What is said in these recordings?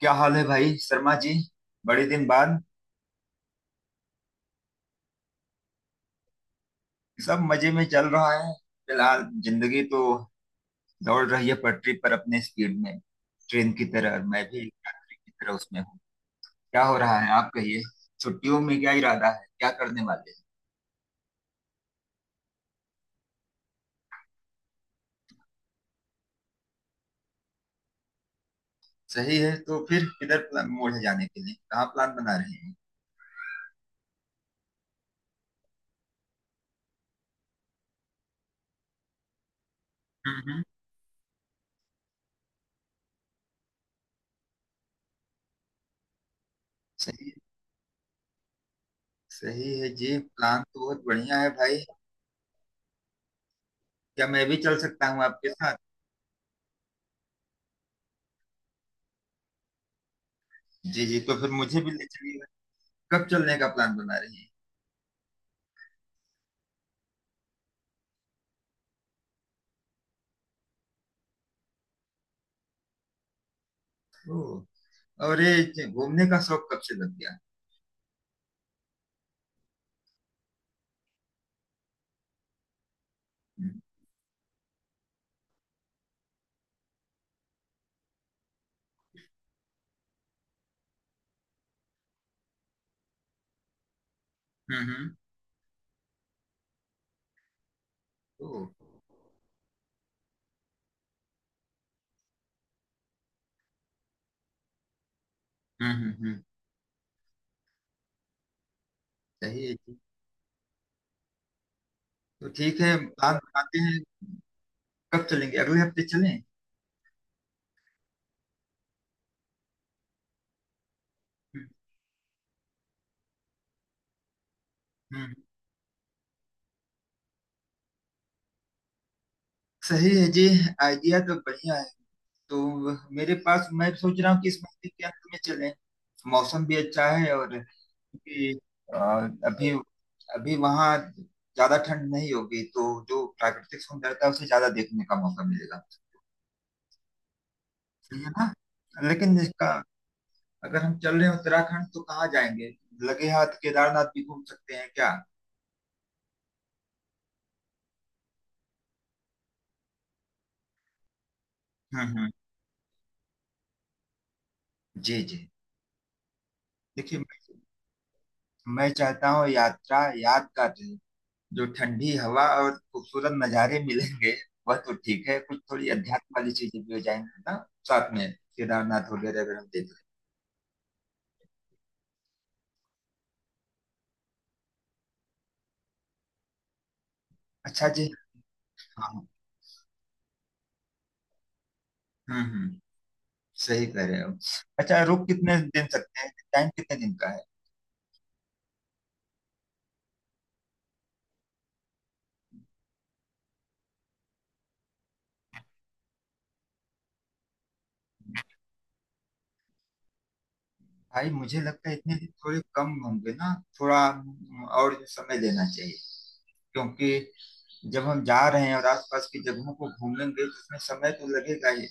क्या हाल है भाई शर्मा जी? बड़े दिन बाद। सब मजे में चल रहा है। फिलहाल जिंदगी तो दौड़ रही है पटरी पर अपने स्पीड में, ट्रेन की तरह, और मैं भी एक यात्री की तरह उसमें हूँ। क्या हो रहा है आप कहिए। छुट्टियों में क्या इरादा है, क्या करने वाले हैं? सही है। तो फिर किधर प्लान मोड़ है जाने के लिए, कहाँ प्लान बना रहे हैं? हम्म हम्म। सही, सही है जी। प्लान तो बहुत बढ़िया है भाई। क्या मैं भी चल सकता हूँ आपके साथ? जी जी, तो फिर मुझे भी ले चलिएगा। कब चलने का प्लान बना रही है? ओ। और ये घूमने का शौक कब से लग गया? हम्म, हम्म। तो हम्म हम्म, हम्म। सही है जी। तो ठीक है, प्लान बनाते हैं। कब चलेंगे? अगले हफ्ते चलें? हम्म, हम्म। सही है जी। आइडिया तो बढ़िया है। तो मेरे पास मैं सोच रहा हूँ कि इस महीने के अंत में चलें। मौसम भी अच्छा है, और क्योंकि अ, अभी अभी वहाँ ज्यादा ठंड नहीं होगी तो जो प्राकृतिक सुंदरता है, उसे ज्यादा देखने का मौका मिलेगा। सही है ना? लेकिन इसका अगर हम चल रहे हैं उत्तराखंड तो कहाँ जाएंगे? लगे हाथ केदारनाथ भी घूम सकते हैं क्या? हम्म। जी जी। देखिए, मैं चाहता हूँ यात्रा यादगार रहे। जो ठंडी हवा और खूबसूरत नज़ारे मिलेंगे वह तो ठीक है, कुछ थोड़ी अध्यात्म वाली चीजें भी हो जाएंगी ना, साथ में केदारनाथ वगैरह अगर हम देख रहे हैं। अच्छा जी। हाँ हाँ। हम्म। सही कह रहे हो। अच्छा, रुक कितने दिन सकते हैं? टाइम कितने दिन का है? भाई मुझे लगता है इतने दिन थोड़े कम होंगे ना। थोड़ा और समय लेना चाहिए, क्योंकि जब हम जा रहे हैं और आसपास की जगहों को घूमेंगे तो उसमें समय तो लगेगा ही।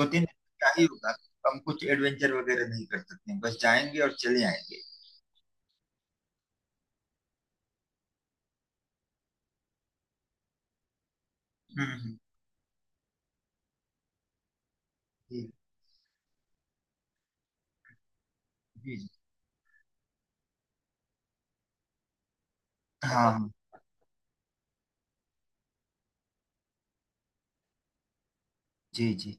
दो तीन दिन क्या ही होगा। हम कुछ एडवेंचर वगैरह नहीं कर सकते हैं, बस जाएंगे और चले आएंगे। हम्म हम्म। जी जी जी। हाँ हाँ। जी जी।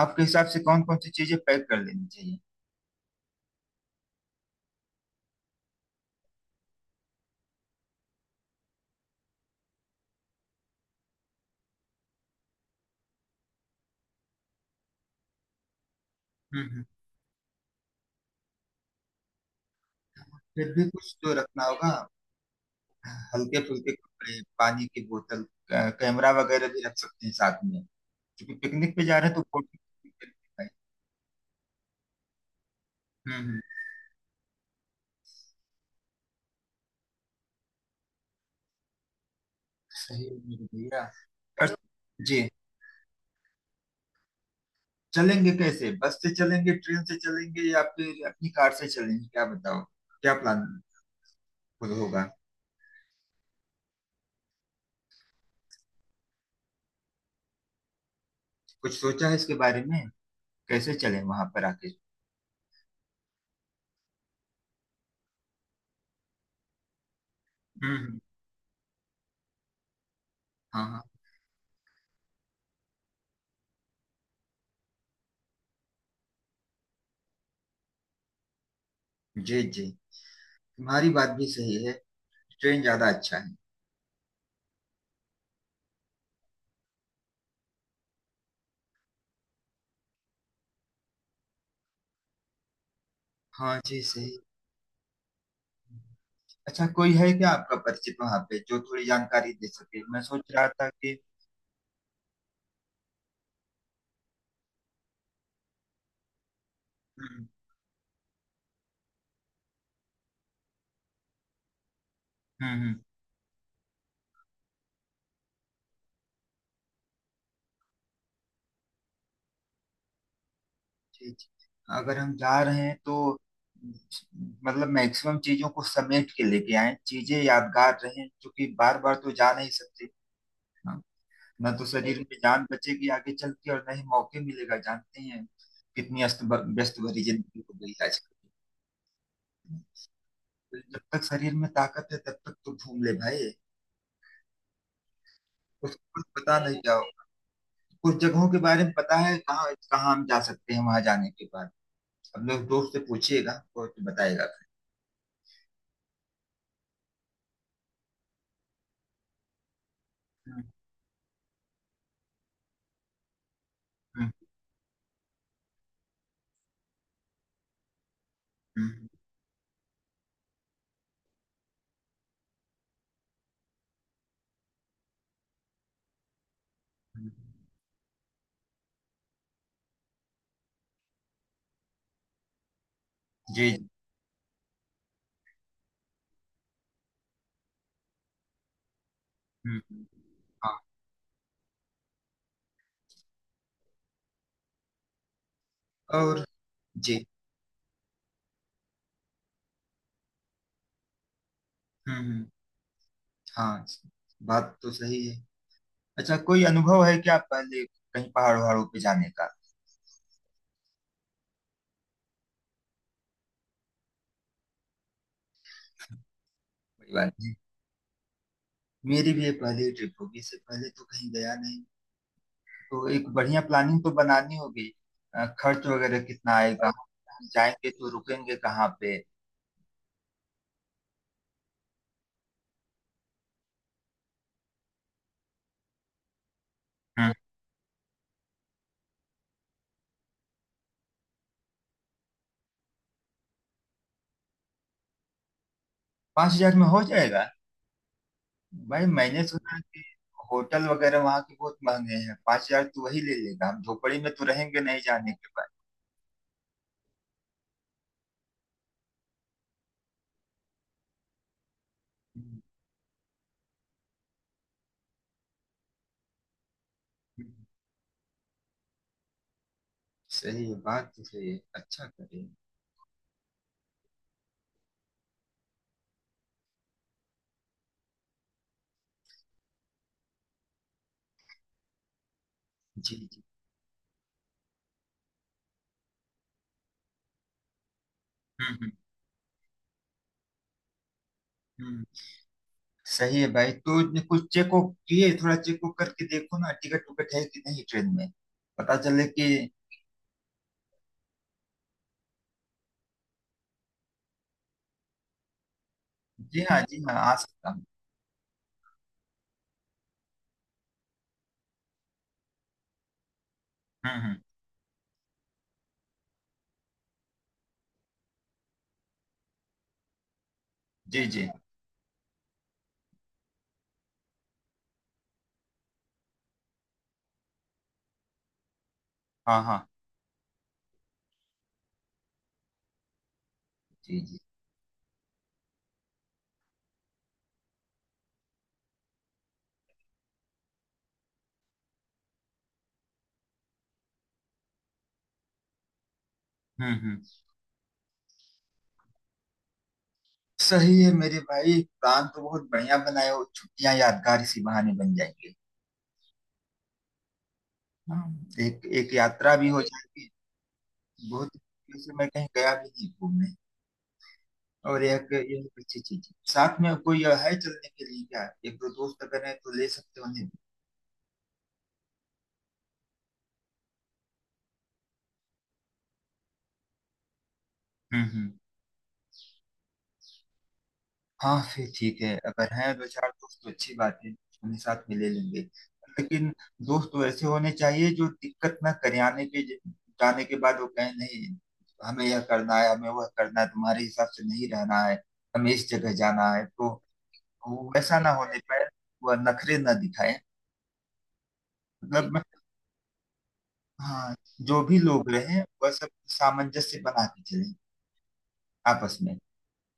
आपके हिसाब से कौन कौन सी चीजें पैक कर लेनी चाहिए? हम्म हम्म। फिर भी कुछ तो रखना होगा, हल्के फुल्के कपड़े, पानी की बोतल, कैमरा वगैरह भी रख सकते हैं साथ में, क्योंकि पिकनिक पे जा रहे हैं तो फोटो। हम्म। सही है मेरे भैया। और- जी, चलेंगे कैसे? बस से चलेंगे, ट्रेन से चलेंगे, या फिर अपनी कार से चलेंगे, क्या बताओ? क्या प्लान होगा? कुछ सोचा है इसके बारे में, कैसे चलें वहां पर आके? हम्म। हाँ हाँ। जी जी। तुम्हारी बात भी सही है, ट्रेन ज्यादा अच्छा है। हाँ जी, सही। अच्छा, कोई है क्या आपका परिचित वहां पे जो थोड़ी जानकारी दे सके? मैं सोच रहा था कि। हम्म हम्म हम्म। जी, जी। अगर हम जा रहे हैं तो मतलब मैक्सिमम चीजों को समेट के लेके आए, चीजें यादगार रहें, क्योंकि बार बार तो जा नहीं सकते। हाँ। ना तो शरीर नहीं में जान बचेगी आगे चल के, और ना ही मौके मिलेगा, जानते ही हैं। कितनी अस्त व्यस्त भरी जिंदगी हो गई आजकल। तो जब तक शरीर में ताकत है तब तक तो घूम ले भाई। कुछ कुछ पता नहीं नहीं क्या हो। कुछ जगहों के बारे में पता है कहाँ कहाँ हम जा सकते हैं वहां जाने के बाद? अब लोग दोस्त से पूछिएगा और तो बताएगा। हम्म, हम्म, हम्म। हुँ, जी, जी। हुँ, हुँ। हाँ, और जी। हुँ, हुँ। हाँ, बात तो सही है। अच्छा, कोई अनुभव है क्या पहले कहीं पहाड़-वहाड़ों पे जाने का? कोई बात नहीं। मेरी भी ये पहली ट्रिप होगी, इससे पहले तो कहीं गया नहीं। तो एक बढ़िया प्लानिंग तो बनानी होगी। खर्च वगैरह कितना आएगा? जाएँगे तो रुकेंगे कहाँ पे? हुँ, 5000 में हो जाएगा? भाई मैंने सुना है कि होटल वगैरह वहाँ के बहुत महँगे हैं। 5000 तो वही ले लेगा, हम झोपड़ी में तो रहेंगे नहीं जाने के बाद। सही है, बात तो सही है। अच्छा करे। जी जी। हम्म हम्म हम्म। सही है भाई, तो ये कुछ चेक वुक किए? थोड़ा चेक वुक करके देखो ना, टिकट टुकट है कि नहीं ट्रेन में, पता चले कि। जी हाँ, जी हाँ, आ सकता हूँ। हम्म। जी जी। हाँ हाँ। जी जी। हम्म हम्म। सही है मेरे भाई, प्लान तो बहुत बढ़िया बनाए हो, छुट्टियां यादगार इसी बहाने बन जाएंगे। हाँ, एक एक यात्रा भी हो जाएगी। बहुत दिनों से मैं कहीं गया भी नहीं घूमने। और एक एक अच्छी चीज है। साथ में कोई है चलने के लिए क्या? एक दो दोस्त अगर है तो ले सकते हो उन्हें। हम्म। हाँ, फिर ठीक है, अगर हैं दो चार दोस्त तो अच्छी बात है। उन्हें साथ में ले लेंगे। लेकिन दोस्त वैसे होने चाहिए जो दिक्कत ना करे आने के जाने के बाद, वो कहें नहीं, हमें यह करना है, हमें वह करना है, तुम्हारे हिसाब से नहीं रहना है, हमें इस जगह जाना है तो। वो वैसा ना होने पाए, वह नखरे ना दिखाए। मतलब, हाँ, जो भी लोग रहे वह सब सामंजस्य बना के चले आपस में।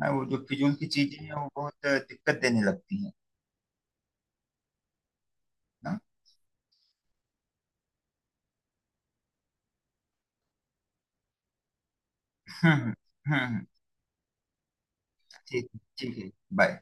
ना वो जो फिजूल की चीजें हैं वो बहुत दिक्कत देने लगती हैं ना। हम्म हम्म। ठीक, ठीक है। बाय।